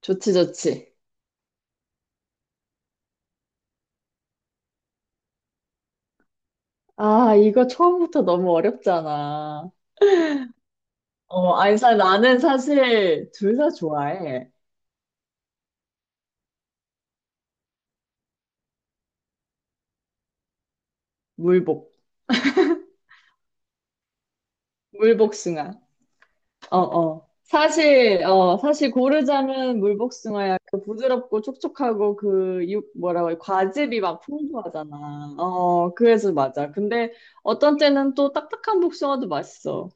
좋지, 좋지. 아, 이거 처음부터 너무 어렵잖아. 어, 아니, 나는 사실 둘 다 좋아해. 물복. 물복숭아. 어, 어. 사실, 어, 사실 고르자면 물복숭아야. 그 부드럽고 촉촉하고 과즙이 막 풍부하잖아. 어, 그래서 맞아. 근데 어떤 때는 또 딱딱한 복숭아도 맛있어.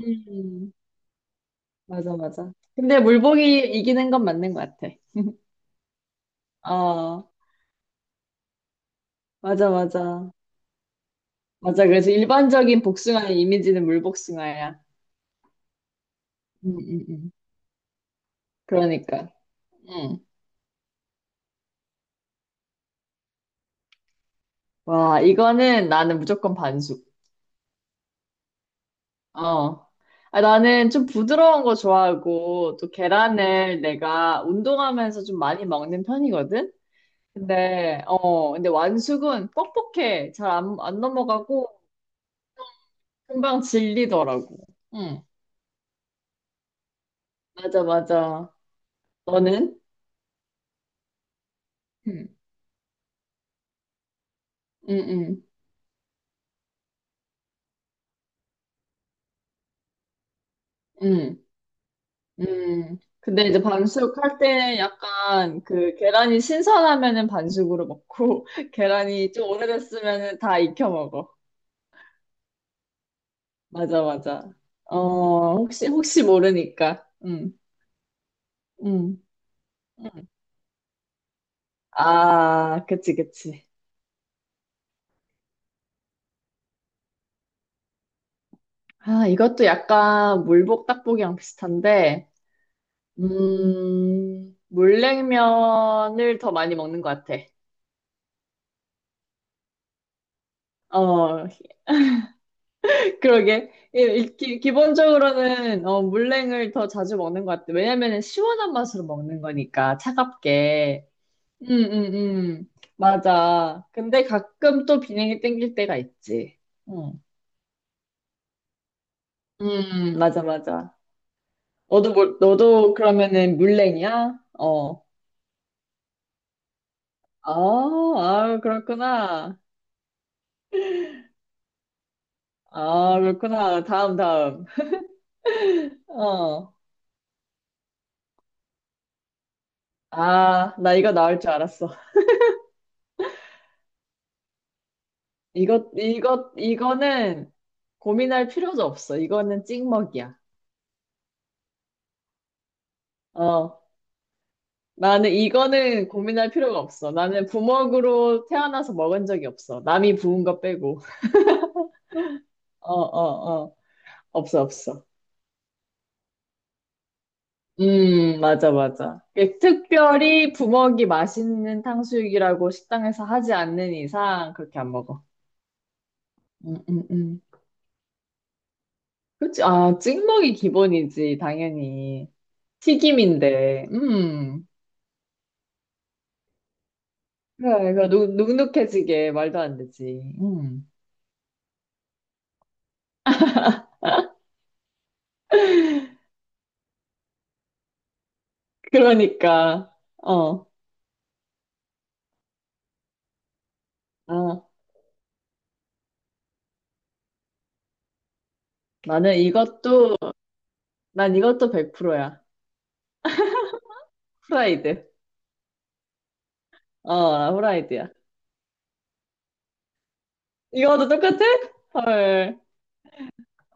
음, 맞아, 맞아. 근데 물복이 이기는 건 맞는 것 같아. 어, 맞아, 맞아. 맞아. 그래서 일반적인 복숭아의 이미지는 물복숭아야. 음, 음, 음. 그러니까. 응. 와, 이거는 나는 무조건 반숙. 어. 아, 나는 좀 부드러운 거 좋아하고, 또 계란을 내가 운동하면서 좀 많이 먹는 편이거든? 근데, 어, 근데 완숙은 뻑뻑해. 잘 안, 안 넘어가고, 금방 질리더라고. 응. 맞아, 맞아. 너는? 음. 응, 응, 응. 응. 근데 이제 반숙할 때 약간 그 계란이 신선하면은 반숙으로 먹고 계란이 좀 오래됐으면은 다 익혀 먹어. 맞아, 맞아. 어, 혹시 모르니까. 음. 음. 아, 그치, 그치. 아, 이것도 약간 물복 닭볶이랑 비슷한데, 물냉면을 더 많이 먹는 것 같아. 어, 그러게. 예, 기본적으로는 어, 물냉을 더 자주 먹는 것 같아. 왜냐면은 시원한 맛으로 먹는 거니까 차갑게. 음, 음, 맞아. 근데 가끔 또 비냉이 땡길 때가 있지. 응. 맞아, 맞아. 너도 그러면은 물냉이야? 어. 아, 아, 그렇구나. 아, 그렇구나. 다음, 다음. 어. 아, 나 이거 나올 줄 알았어. 이거는 고민할 필요도 없어. 이거는 찍먹이야. 어, 나는 이거는 고민할 필요가 없어. 나는 부먹으로 태어나서 먹은 적이 없어. 남이 부은 거 빼고. 어, 어, 어. 없어, 없어. 맞아, 맞아. 이게 특별히 부먹이 맛있는 탕수육이라고 식당에서 하지 않는 이상 그렇게 안 먹어. 음, 음, 음. 그치? 아, 찍먹이 기본이지, 당연히. 튀김인데. 음. 그래, 눅눅해지게 말도 안 되지. 음. 그러니까, 어, 어, 나는 이것도, 난 이것도 100%야. 후라이드. 어, 나 후라이드야. 이거도 똑같아? 헐.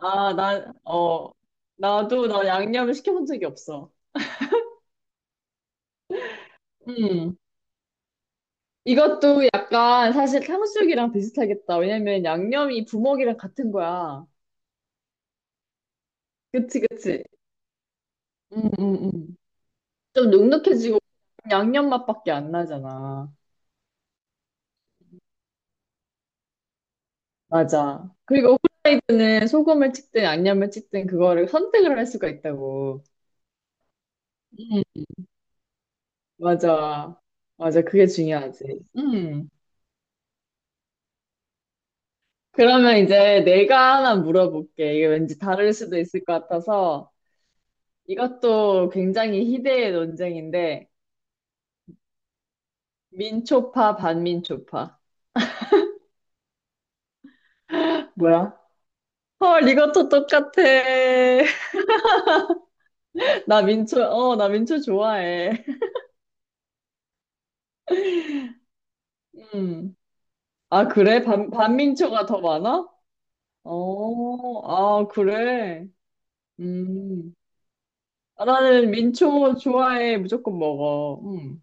아, 난, 어, 나도 나 양념을 시켜본 적이 없어. 음. 이것도 약간 사실 탕수육이랑 비슷하겠다. 왜냐면 양념이 부먹이랑 같은 거야. 그치, 그치. 음, 음, 음. 좀 눅눅해지고 양념 맛밖에 안 나잖아. 맞아. 그리고 우리는 소금을 찍든 양념을 찍든 그거를 선택을 할 수가 있다고. 음, 맞아. 맞아. 그게 중요하지. 음. 그러면 이제 내가 하나 물어볼게. 이게 왠지 다를 수도 있을 것 같아서 이것도 굉장히 희대의 논쟁인데 민초파 반민초파. 뭐야? 헐, 이것도 똑같아. 나 민초, 어, 나 민초 좋아해. 음. 아, 그래? 반민초가 더 많아? 어, 아, 그래. 음. 아, 나는 민초 좋아해. 무조건 먹어. 음.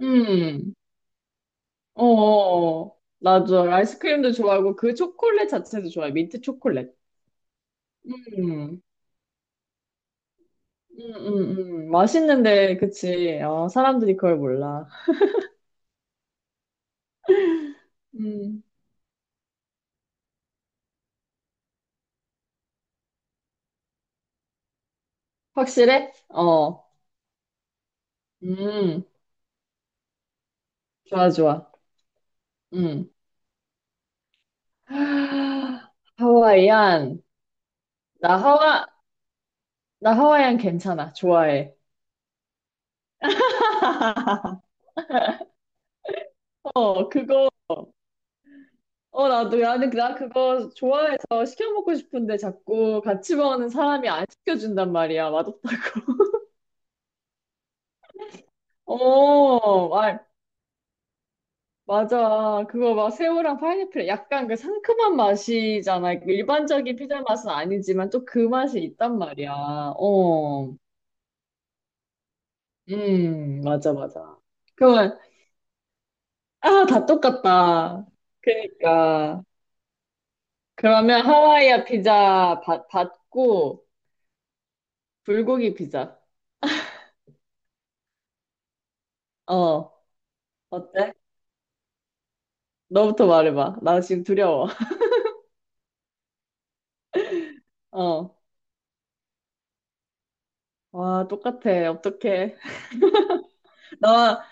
음. 어, 어, 어. 맞아. 아이스크림도 좋아하고 그 초콜릿 자체도 좋아해. 민트 초콜릿. 음. 맛있는데, 그치. 어, 사람들이 그걸 몰라. 음. 확실해? 어. 음. 좋아, 좋아. 음. 하, 하와이안. 나 하와, 나 하와이안 괜찮아. 좋아해. 어, 그거, 어, 나도, 나는, 나 그거 좋아해서 시켜먹고 싶은데 자꾸 같이 먹는 사람이 안 시켜준단 말이야. 맛없다고. 어, 아, 맞아. 그거 막 새우랑 파인애플 약간 그 상큼한 맛이잖아. 그 일반적인 피자 맛은 아니지만 또 그 맛이 있단 말이야. 어, 맞아, 맞아. 그러면, 아, 다 똑같다. 그니까. 그러면 하와이아 피자 받고 불고기 피자. 어, 어때? 너부터 말해봐. 나 지금 두려워. 어. 와, 똑같아. 어떡해. 나,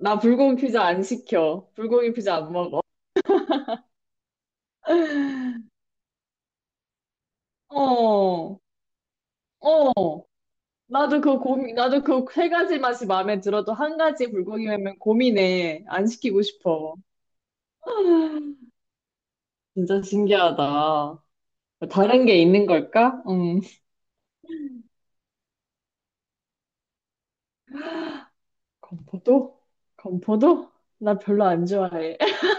나 불고기 피자 안 시켜. 불고기 피자 안 먹어. 어, 어. 나도 그 세 가지 맛이 마음에 들어도 한 가지 불고기면 고민해. 안 시키고 싶어. 진짜 신기하다. 다른 게 있는 걸까? 음. 건포도? 건포도? 나 별로 안 좋아해.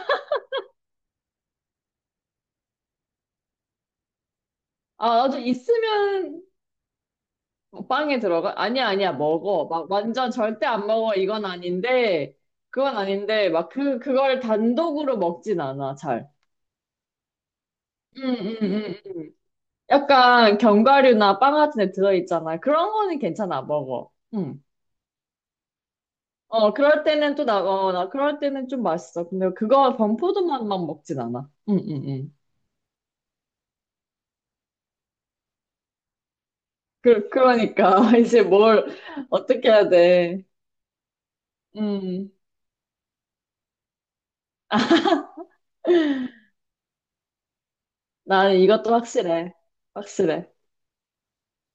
아, 나도 있으면 어, 빵에 들어가? 아니야, 아니야, 먹어. 막 완전 절대 안 먹어. 이건 아닌데, 그건 아닌데, 그걸 단독으로 먹진 않아, 잘. 응, 응, 응, 음. 약간 견과류나 빵 같은 데 들어있잖아. 그런 거는 괜찮아, 먹어. 음. 어, 그럴 때는 또 나, 어, 나 그럴 때는 좀 맛있어. 근데 그거 범포도만만 먹진 않아. 응, 응, 응. 그, 그러니까, 이제 뭘, 어떻게 해야 돼. 응. 나는 이것도 확실해. 확실해.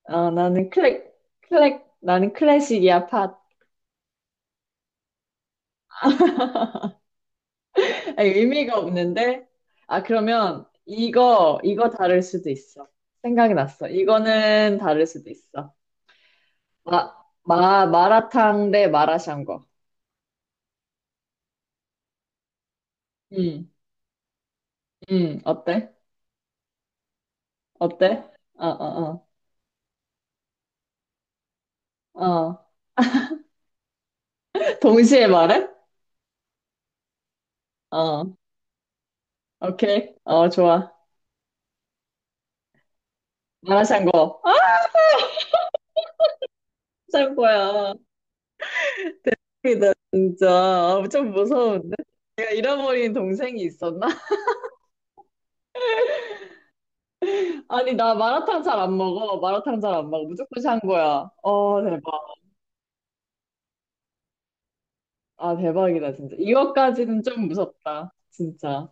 아, 나는 클래식이야, 팟. 아니, 의미가 없는데? 아, 그러면 이거, 이거 다를 수도 있어. 생각이 났어. 이거는 다를 수도 있어. 마, 마라탕 대 마라샹궈. 음, 어때? 어때? 어, 어, 어, 어. 동시에 말해? 어, 오케이. 어, 좋아. 마라샹궈. 아, 샹궈야. 이다 진짜. 아, 좀 무서운데? 내가 잃어버린 동생이 있었나? 아니, 나 마라탕 잘 안 먹어. 마라탕 잘 안 먹어. 무조건 샹궈야. 어, 대박. 아, 대박이다, 진짜. 이거까지는 좀 무섭다. 진짜.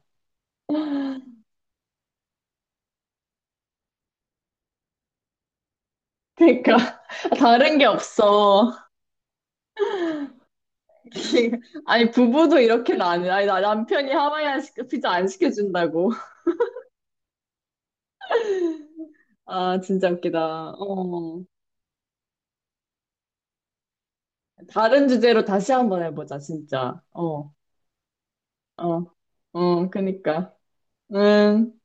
그러니까 다른 게 없어. 아니 부부도 이렇게 나는 아니 나 남편이 하와이안 시 피자 안 시켜준다고. 아 진짜 웃기다. 어 다른 주제로 다시 한번 해보자 진짜. 어 어 어 그니까. 응